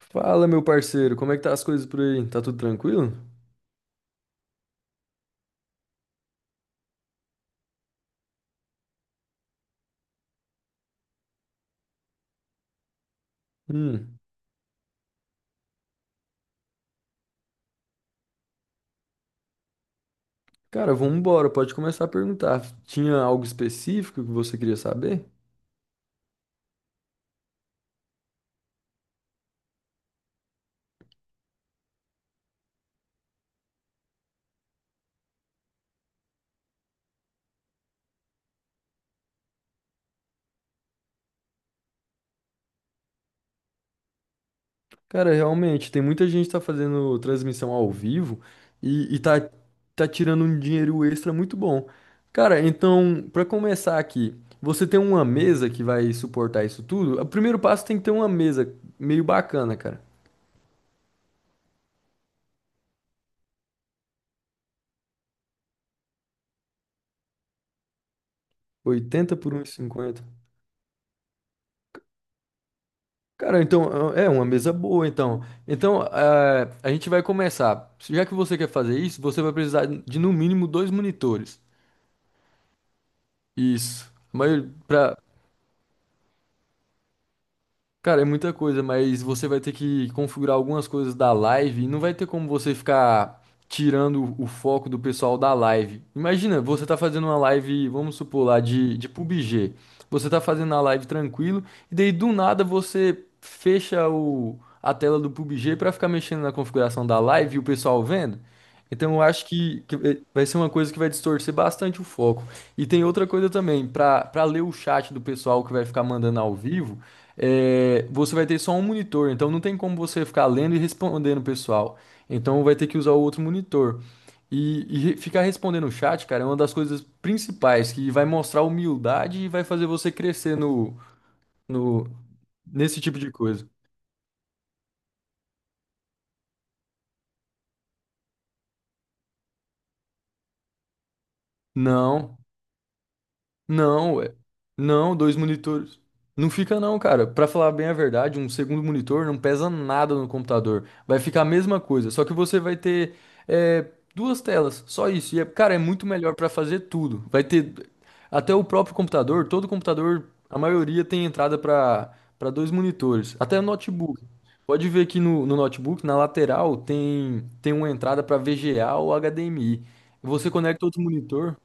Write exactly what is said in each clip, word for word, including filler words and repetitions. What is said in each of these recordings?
Fala, meu parceiro, como é que tá as coisas por aí? Tá tudo tranquilo? Hum, cara, vamos embora, pode começar a perguntar. Tinha algo específico que você queria saber? Cara, realmente, tem muita gente que tá fazendo transmissão ao vivo e, e tá, tá tirando um dinheiro extra muito bom. Cara, então, pra começar aqui, você tem uma mesa que vai suportar isso tudo? O primeiro passo tem que ter uma mesa meio bacana, cara. Oitenta por um e cinquenta. Cara, então é é uma mesa boa, então. Então, eh, a gente vai começar. Já que você quer fazer isso, você vai precisar de no mínimo dois monitores. Isso. Mas cara, é muita coisa, mas você vai ter que configurar algumas coisas da live e não vai ter como você ficar tirando o foco do pessoal da live. Imagina, você tá fazendo uma live, vamos supor lá, de, de P U B G. Você tá fazendo a live tranquilo e daí do nada você fecha o, a tela do P U B G pra ficar mexendo na configuração da live e o pessoal vendo. Então eu acho que, que vai vai ser uma coisa que vai distorcer bastante o foco. E tem outra coisa também, pra para ler o chat do pessoal que vai ficar mandando ao vivo é, você vai ter só um monitor, então não tem como você ficar lendo e respondendo o pessoal. Então vai ter que usar o outro monitor. E, e re- ficar respondendo o chat, cara, é uma das coisas principais que vai mostrar humildade e vai fazer você crescer no, no, nesse tipo de coisa. Não. Não, ué. Não, dois monitores. Não fica não, cara. Pra falar bem a verdade, um segundo monitor não pesa nada no computador. Vai ficar a mesma coisa, só que você vai ter é, duas telas, só isso. E, é- cara, é muito melhor pra fazer tudo. Vai ter até o próprio computador, todo computador, a maioria tem entrada pra para dois monitores, até notebook. Pode ver que no, no notebook, na lateral, tem tem uma entrada pra V G A ou H D M I. Você conecta outro monitor.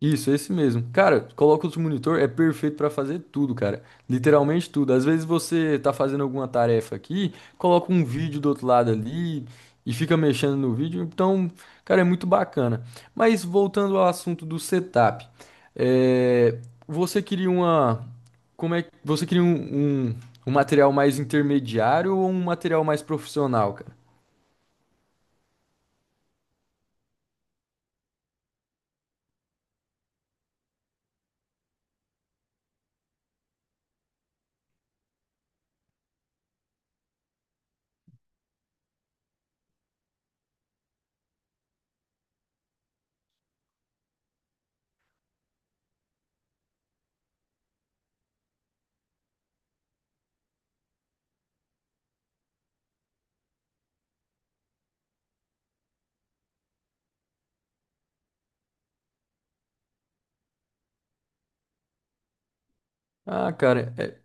Isso, é esse mesmo. Cara, coloca outro monitor, é perfeito pra fazer tudo, cara. Literalmente tudo. Às vezes você tá fazendo alguma tarefa aqui, coloca um vídeo do outro lado ali e fica mexendo no vídeo. Então, cara, é muito bacana. Mas voltando ao assunto do setup, é, você queria uma, como é, que- você queria um, um, um material mais intermediário ou um material mais profissional, cara? Ah, cara. É,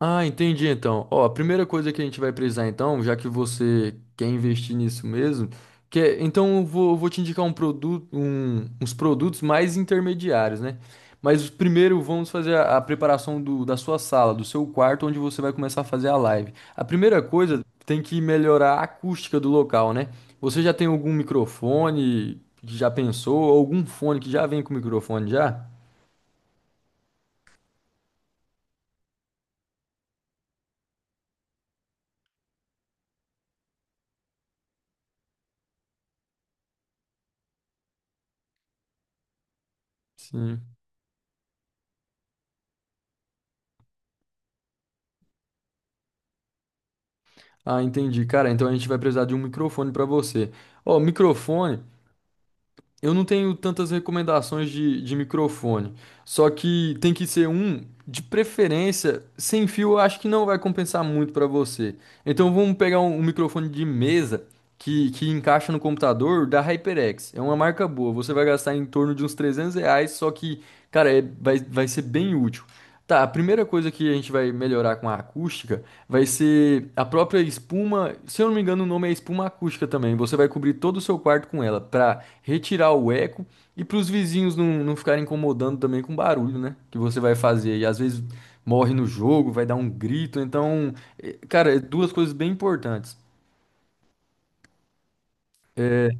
Ah, entendi então. Ó, a primeira coisa que a gente vai precisar então, já que você quer investir nisso mesmo, que é- então eu vou, eu vou te indicar um produto, um- uns produtos mais intermediários, né? Mas primeiro vamos fazer a, a preparação do- da sua sala, do seu quarto, onde você vai começar a fazer a live. A primeira coisa tem que melhorar a acústica do local, né? Você já tem algum microfone que já pensou, algum fone que já vem com microfone já? Sim. Ah, entendi. Cara, então a gente vai precisar de um microfone para você. Ó, microfone, eu não tenho tantas recomendações de, de microfone. Só que tem que ser um, de preferência, sem fio, eu acho que não vai compensar muito para você. Então vamos pegar um, um microfone de mesa que, que encaixa no computador da HyperX. É uma marca boa. Você vai gastar em torno de uns trezentos reais, só que, cara, é- vai, vai ser bem útil. Tá, a primeira coisa que a gente vai melhorar com a acústica. Vai ser a própria espuma, se eu não me engano, o nome é espuma acústica também. Você vai cobrir todo o seu quarto com ela para retirar o eco e para os vizinhos não, não ficarem incomodando também com o barulho, né? Que você vai fazer. E às vezes morre no jogo, vai dar um grito. Então, eh, cara, é duas coisas bem importantes. É,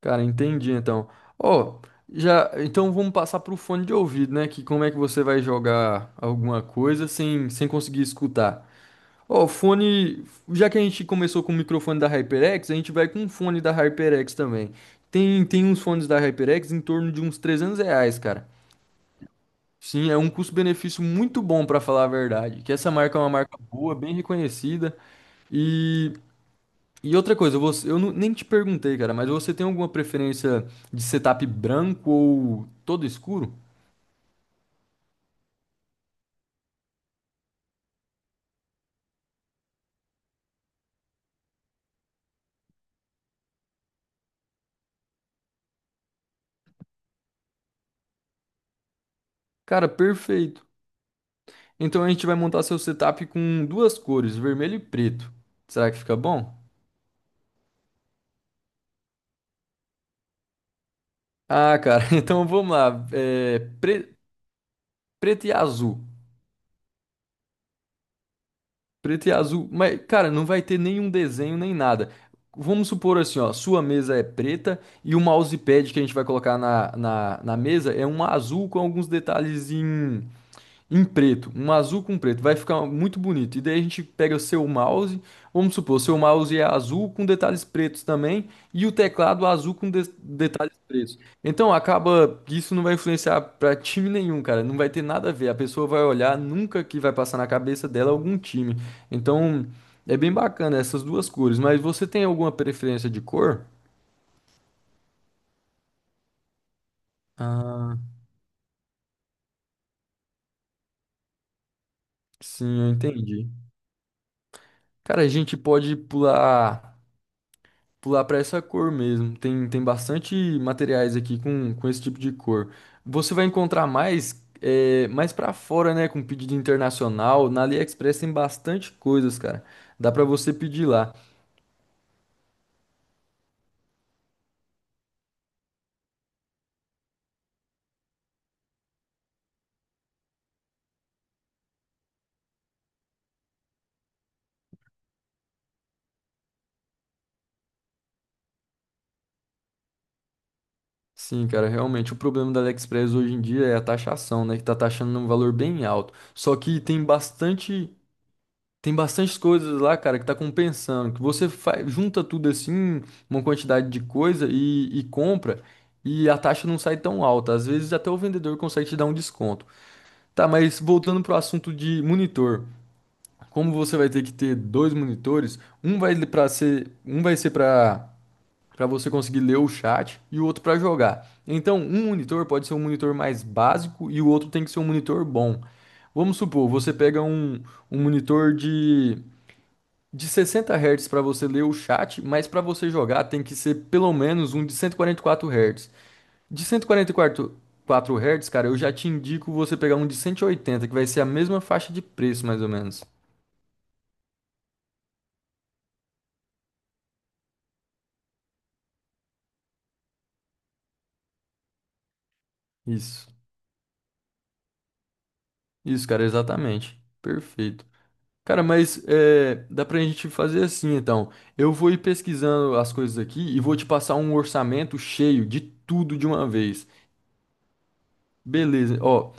cara, entendi então. Ó, já, então vamos passar pro fone de ouvido, né? Que como é que você vai jogar alguma coisa sem, sem conseguir escutar? Ó, fone. Já que a gente começou com o microfone da HyperX, a gente vai com um fone da HyperX também. Tem, tem uns fones da HyperX em torno de uns trezentos reais, cara. Sim, é um custo-benefício muito bom, pra falar a verdade. Que essa marca é uma marca boa, bem reconhecida. E, e outra coisa, você, eu não- nem te perguntei, cara, mas você tem alguma preferência de setup branco ou todo escuro? Cara, perfeito. Então a gente vai montar seu setup com duas cores, vermelho e preto. Será que fica bom? Ah, cara, então vamos lá. É, pre- preto e azul. Preto e azul. Mas, cara, não vai ter nenhum desenho nem nada. Vamos supor assim, ó, sua mesa é preta e o mousepad que a gente vai colocar na, na, na mesa é um azul com alguns detalhes em preto, um azul com preto, vai ficar muito bonito. E daí a gente pega o seu mouse, vamos supor, o seu mouse é azul com detalhes pretos também, e o teclado azul com de- detalhes pretos. Então acaba que isso não vai influenciar para time nenhum, cara, não vai ter nada a ver. A pessoa vai olhar, nunca que vai passar na cabeça dela algum time. Então é bem bacana essas duas cores, mas você tem alguma preferência de cor? Ah, sim, eu entendi. Cara, a gente pode pular. Pular para essa cor mesmo. Tem, tem bastante materiais aqui com, com esse tipo de cor. Você vai encontrar mais é, mais para fora, né, com pedido internacional. Na AliExpress tem bastante coisas, cara. Dá para você pedir lá. Sim, cara, realmente o problema da AliExpress hoje em dia é a taxação, né, que tá taxando um valor bem alto. Só que tem bastante tem bastante coisas lá, cara, que tá compensando. Que você fa- junta tudo assim, uma quantidade de coisa e, e compra, e a taxa não sai tão alta. Às vezes até o vendedor consegue te dar um desconto. Tá, mas voltando pro assunto de monitor. Como você vai ter que ter dois monitores, um vai para ser, um vai ser para para você conseguir ler o chat e o outro para jogar. Então, um monitor pode ser um monitor mais básico e o outro tem que ser um monitor bom. Vamos supor, você pega um, um monitor de de sessenta Hz para você ler o chat, mas para você jogar tem que ser pelo menos um de cento e e quarenta e quatro Hz. De cento e quarenta e quatro Hz, cara, eu já te indico você pegar um de cento e oitenta que vai ser a mesma faixa de preço, mais ou menos. Isso. Isso, cara, exatamente. Perfeito. Cara, mas é, dá pra gente fazer assim, então. Eu vou ir pesquisando as coisas aqui e vou te passar um orçamento cheio de tudo de uma vez. Beleza. Ó,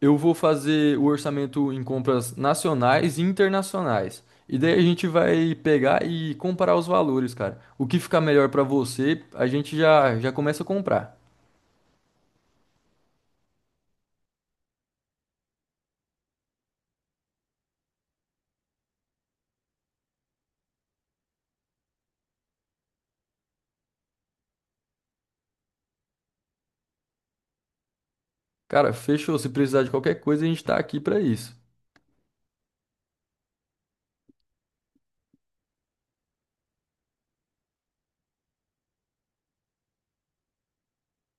eu vou fazer o orçamento em compras nacionais e internacionais. E daí a gente vai pegar e comparar os valores, cara. O que ficar melhor pra você, a gente já já começa a comprar. Cara, fechou. Se precisar de qualquer coisa, a gente tá aqui pra isso.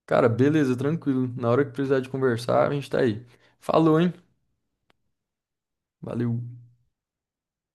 Cara, beleza, tranquilo. Na hora que precisar de conversar, a gente tá aí. Falou, hein? Valeu.